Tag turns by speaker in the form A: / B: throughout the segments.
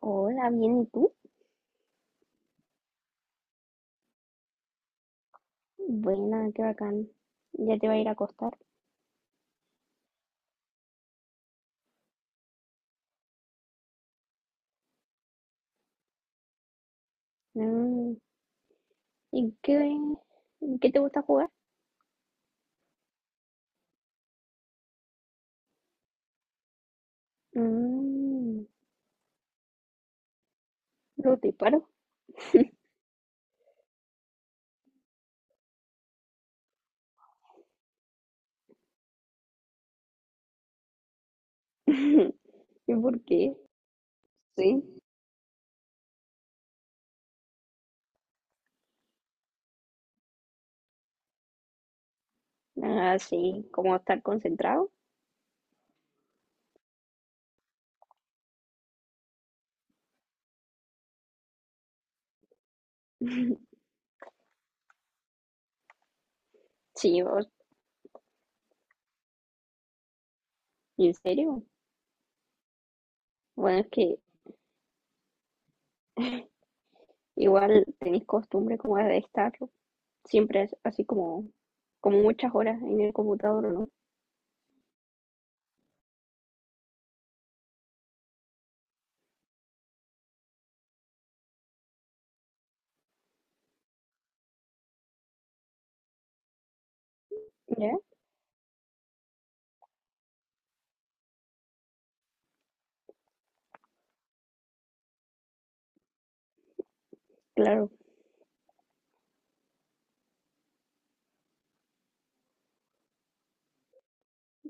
A: Hola, bien, ¿y tú? Buena, qué bacán. Ya te va a ir a acostar. Mm. ¿Y qué, qué te gusta jugar? Mm. ¿Lo te paro? ¿Y por qué? Sí. Ah, sí, como estar concentrado. Sí, vos, ¿en serio? Bueno, es que igual tenéis costumbre como de estar siempre es así como, muchas horas en el computador, ¿o no? ¿Ya? Claro,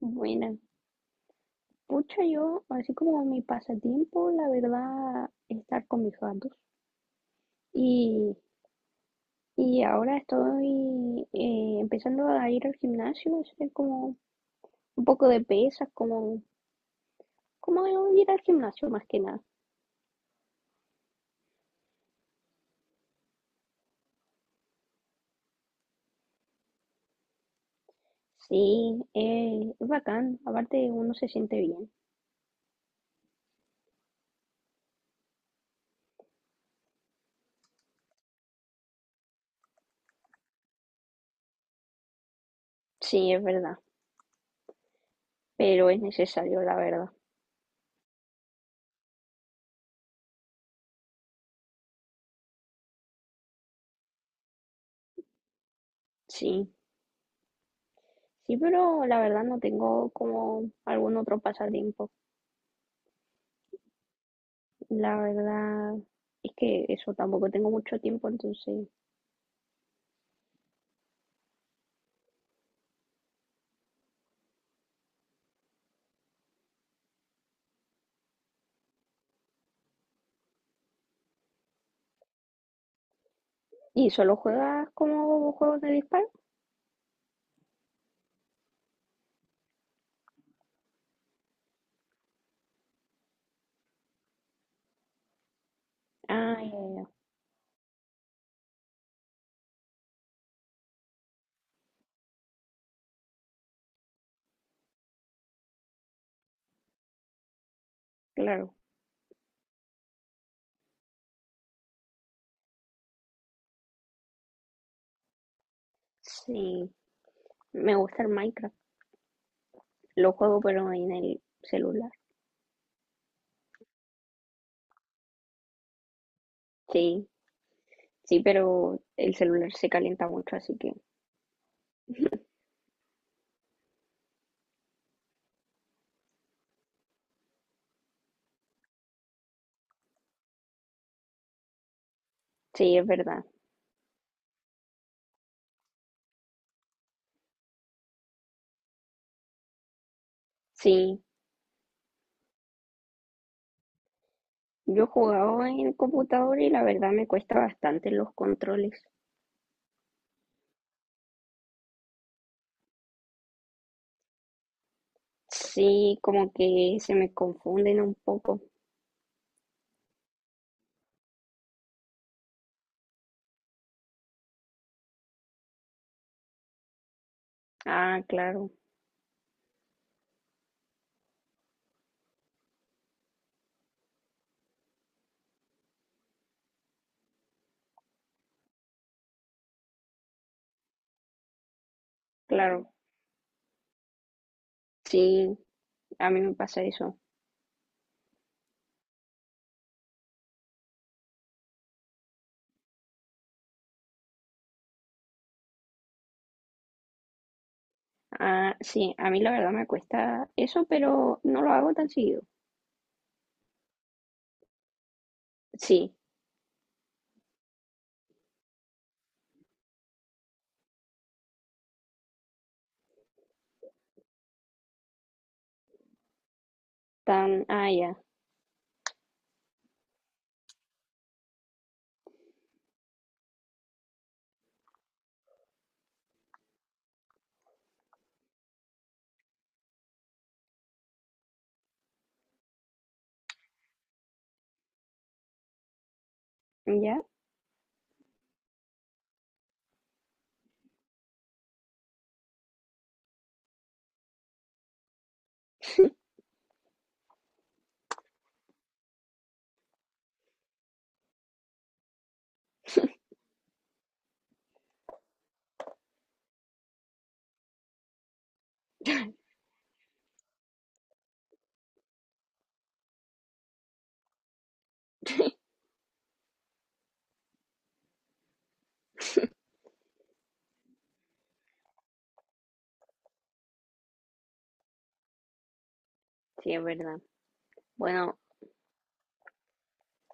A: buena. Pucha, yo, así como mi pasatiempo, la verdad, estar con mis gatos. Y, y ahora estoy empezando a ir al gimnasio, hacer como un poco de pesas, como ir al gimnasio más que nada. Sí, es bacán, aparte uno se siente bien. Sí, es verdad, pero es necesario, la verdad. Sí, sí, pero la verdad no tengo como algún otro pasatiempo. La verdad es que eso, tampoco tengo mucho tiempo, entonces... ¿Y solo juegas como juegos de disparo? Ah, ya, ya, claro. Sí, me gusta el Minecraft. Lo juego pero en el celular. Sí, sí, pero el celular se calienta mucho, así que sí, es verdad. Sí, yo he jugado en el computador y la verdad me cuesta bastante los controles. Sí, como que se me confunden un poco. Ah, claro, claro. Sí, a mí me pasa eso. Ah, sí, a mí la verdad me cuesta eso, pero no lo hago tan seguido. Sí, ah, ya, ya, sí, es verdad. Bueno,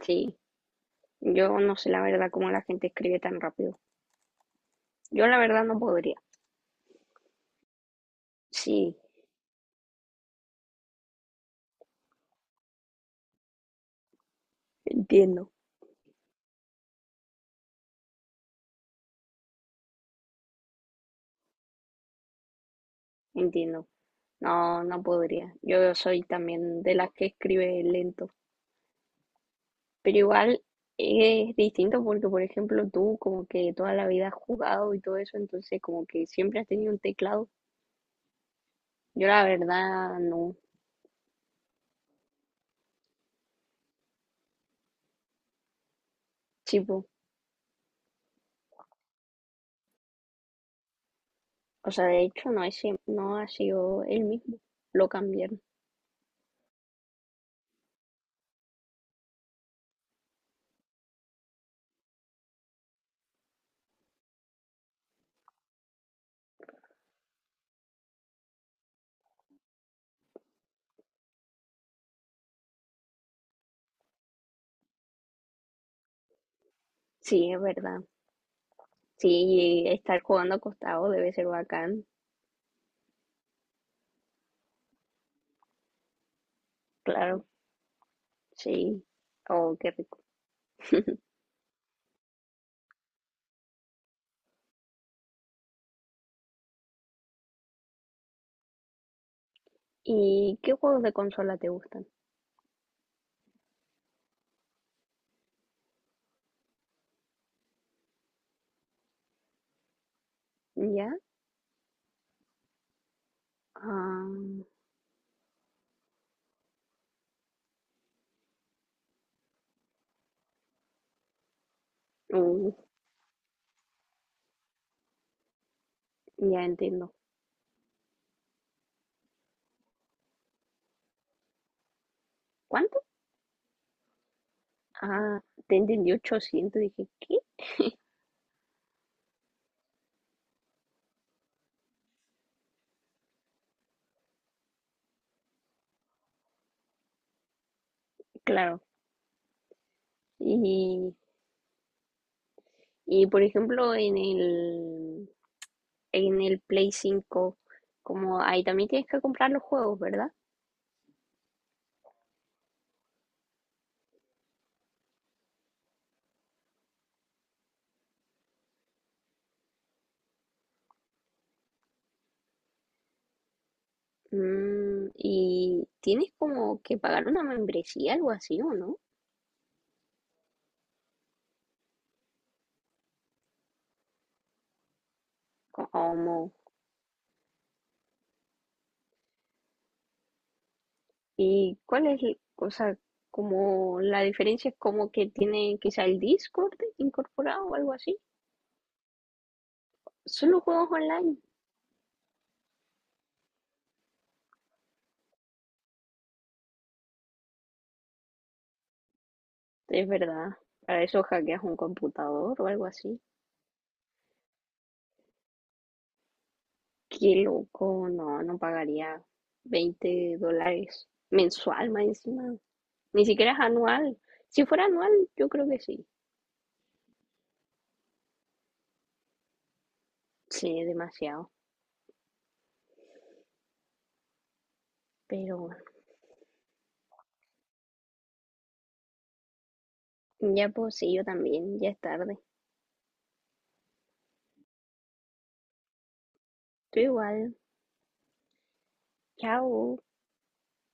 A: sí, yo no sé la verdad cómo la gente escribe tan rápido. Yo la verdad no podría. Sí, entiendo, entiendo. No, no podría. Yo soy también de las que escribe lento, pero igual es distinto porque, por ejemplo, tú como que toda la vida has jugado y todo eso, entonces como que siempre has tenido un teclado. Yo la verdad no, tipo. O sea, de hecho no es, no ha sido el mismo, lo cambiaron. Sí, es verdad. Sí, estar jugando acostado debe ser bacán, claro, sí. Oh, qué rico. ¿Y qué juegos de consola te gustan? ¿Ya? Ah, uh, ya entiendo. ¿Cuánto? Ah, te entendí 800, dije, ¿qué? Claro. Y, y por ejemplo, en el, Play 5 como ahí también tienes que comprar los juegos, ¿verdad? Mm, ¿y tienes como que pagar una membresía, algo así, o no? Como, ¿y cuál es, o sea, como la diferencia es como que tiene quizá el Discord incorporado o algo así? Solo juegos online, es verdad. Para eso hackeas un computador o algo así. Qué loco, no, no pagaría 20 dólares mensual más encima. Ni siquiera es anual. Si fuera anual, yo creo que sí. Sí, demasiado. Pero ya pues sí, yo también, ya es tarde. Tú igual. Chao.